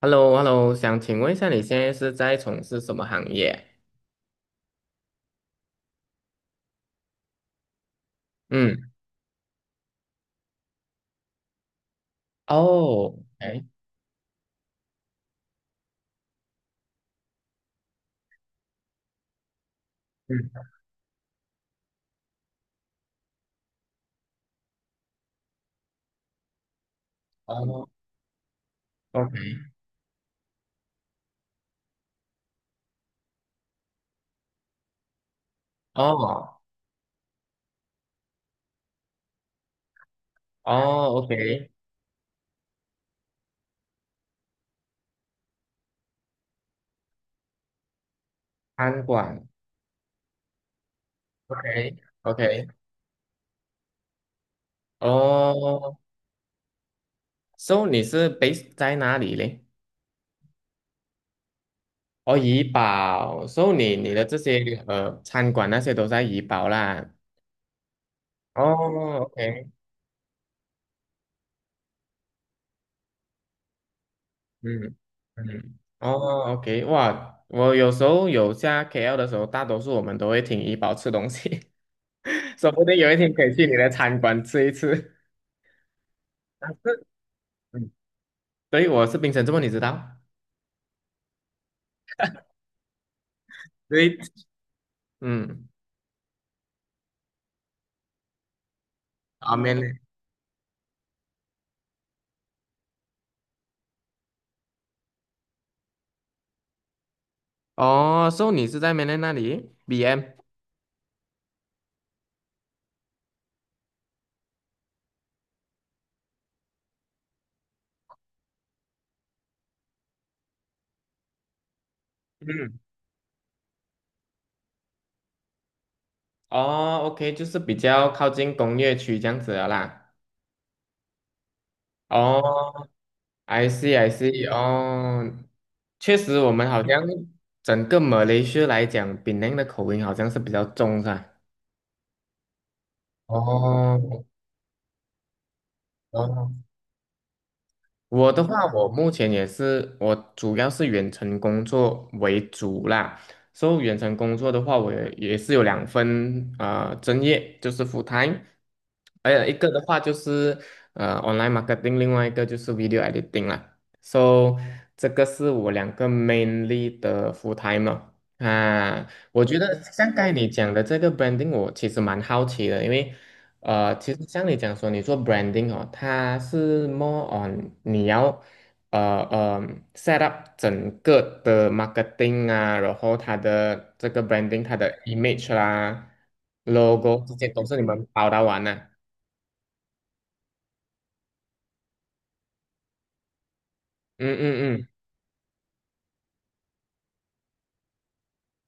h e l l o h e l l o 想请问一下，你现在是在从事什么行业？嗯，哦，哎，嗯，哦，OK，哦，哦，OK，餐馆，OK，OK，哦，So 你是 base 在哪里嘞？哦，怡保，So 你的这些餐馆那些都在怡保啦。哦，OK，嗯嗯，哦，OK，哇，我有时候有下 KL 的时候，大多数我们都会停怡保吃东西。说不定有一天可以去你的餐馆吃一次。但是，嗯，对，我是槟城，这么你知道？对，嗯，啊，缅甸，哦，所以你是在缅甸那里？BM，嗯，哦，OK，就是比较靠近工业区这样子的啦。哦，I see I see，哦，确实，我们好像整个马来西亚来讲，槟城的口音好像是比较重，是吧？哦，哦。我的话，我目前也是，我主要是远程工作为主啦。所以远程工作的话，我也是有两份啊，专业，就是 full time，还有一个的话就是online marketing，另外一个就是 video editing 啦。So 这个是我两个 mainly 的 full time 哦啊。我觉得像刚才你讲的这个 branding，我其实蛮好奇的，因为其实像你讲说，你做 branding 哦，它是 more on 你要呃呃 set up 整个的 marketing 啊，然后它的这个 branding 它的 image 啦、logo 这些都是你们包到完的、嗯嗯嗯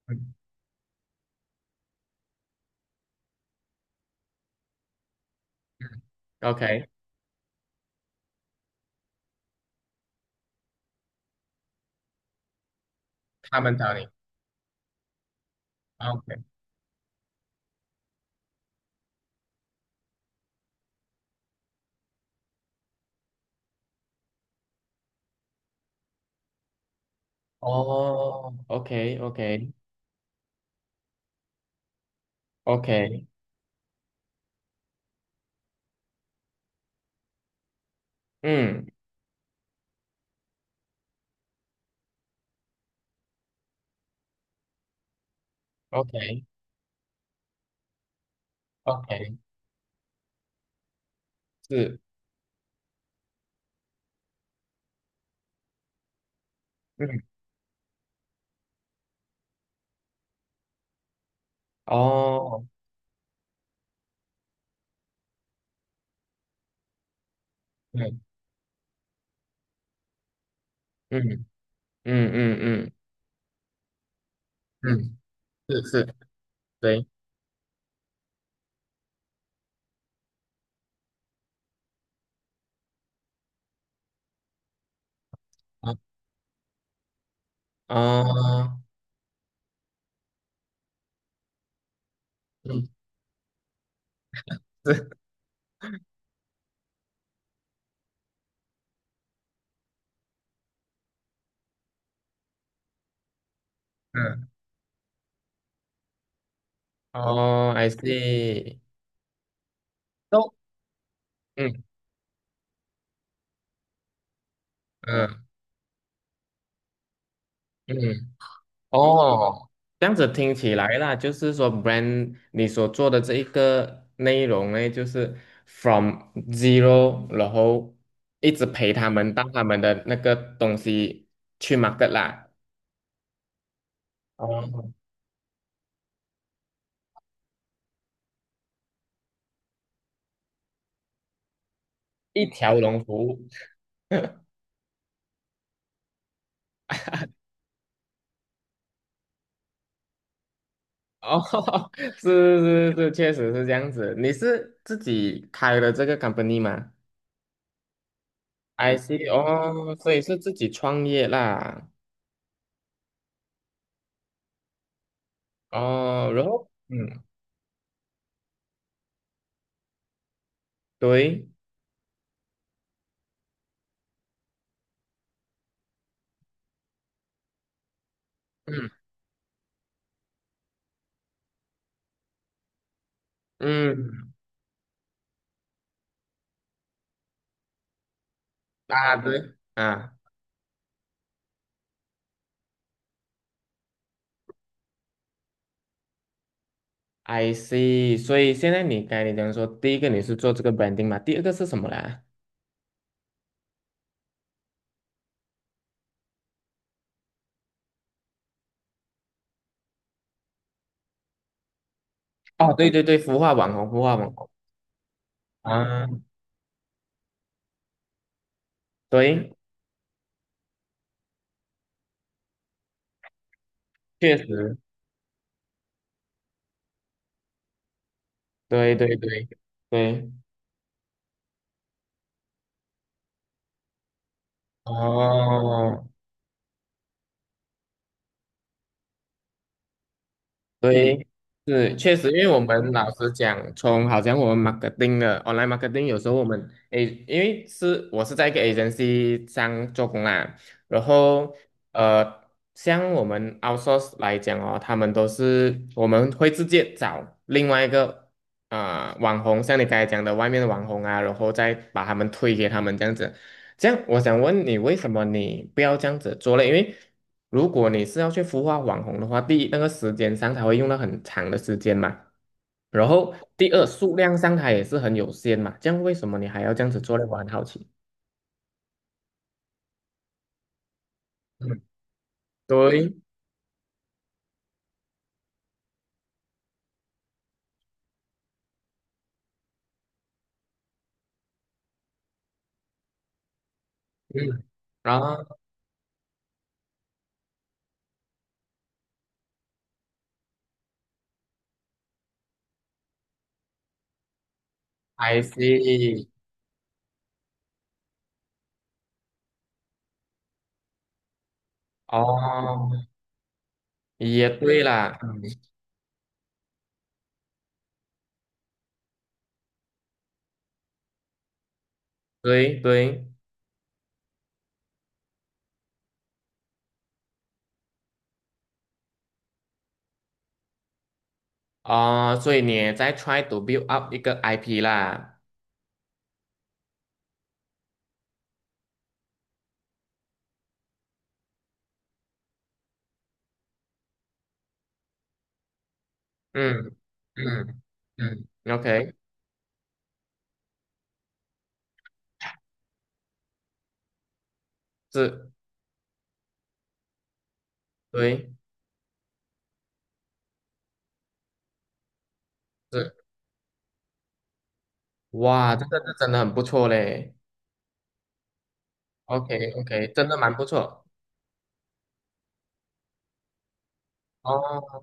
嗯嗯，OK，他们找你，OK，哦，OK OK OK，嗯，OK OK，是，嗯，哦，对，嗯嗯嗯嗯嗯。是是，对啊哦，嗯是嗯哦，I see，都嗯嗯嗯哦，这样子听起来啦，就是说 brand 你所做的这一个内容呢，就是 from zero，然后一直陪他们到他们的那个东西去 market 啦，哦，一条龙服务，哦，是是是，确实是这样子。你是自己开了这个 company 吗？I C see，哦，所以是自己创业啦。哦，然后，嗯，对，嗯嗯，啊，对啊，I see。所以现在你该才你讲说，第一个你是做这个 branding 嘛，第二个是什么啦？哦，对对对，孵化网红，孵化网红啊，对，确实，对对对对，哦。对，是确实，因为我们老实讲，从好像我们 marketing 的 online marketing，有时候我们诶，因为是我是在一个 agency 上做工啦，然后呃，像我们 outsource 来讲哦，他们都是我们会直接找另外一个啊、网红，像你刚才讲的外面的网红啊，然后再把他们推给他们这样子。这样，我想问你，为什么你不要这样子做嘞？因为如果你是要去孵化网红的话，第一，那个时间上它会用到很长的时间嘛，然后第二，数量上它也是很有限嘛。这样为什么你还要这样子做嘞？我很好奇。嗯，对，嗯，然后 I see，哦，也对啦，嗯对对，哦，所以你也在 try to build up 一个 IP 啦。嗯嗯嗯，OK，是，对。是，哇，这个是真的很不错嘞。OK OK，真的蛮不错。哦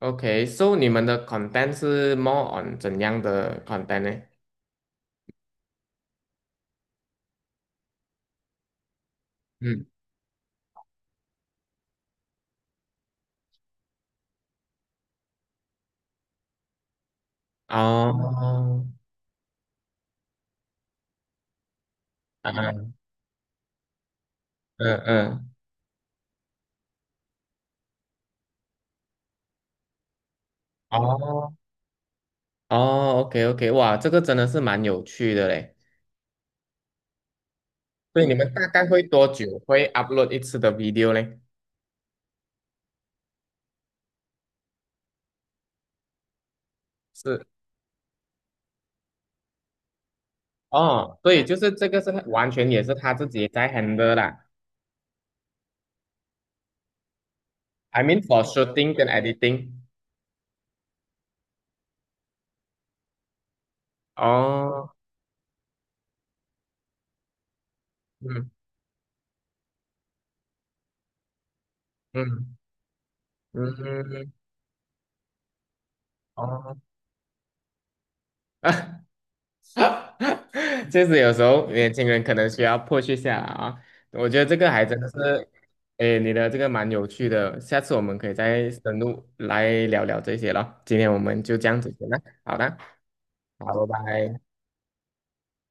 ，OK，so 你们的 content 是 more on 怎样的 content 呢？嗯，哦，啊，嗯嗯，哦哦，OK OK，哇，这个真的是蛮有趣的嘞。所以你们大概会多久会 upload 一次的 video 嘞？是，哦，所以就是这个是完全也是他自己在 handle 啦。I mean for shooting 跟 editing。哦，嗯嗯。嗯，哦，确实有时候年轻人可能需要 p u 下来啊。我觉得这个还真的是，哎，你的这个蛮有趣的，下次我们可以再深入来聊聊这些了。今天我们就这样子先了，好的，好，拜拜。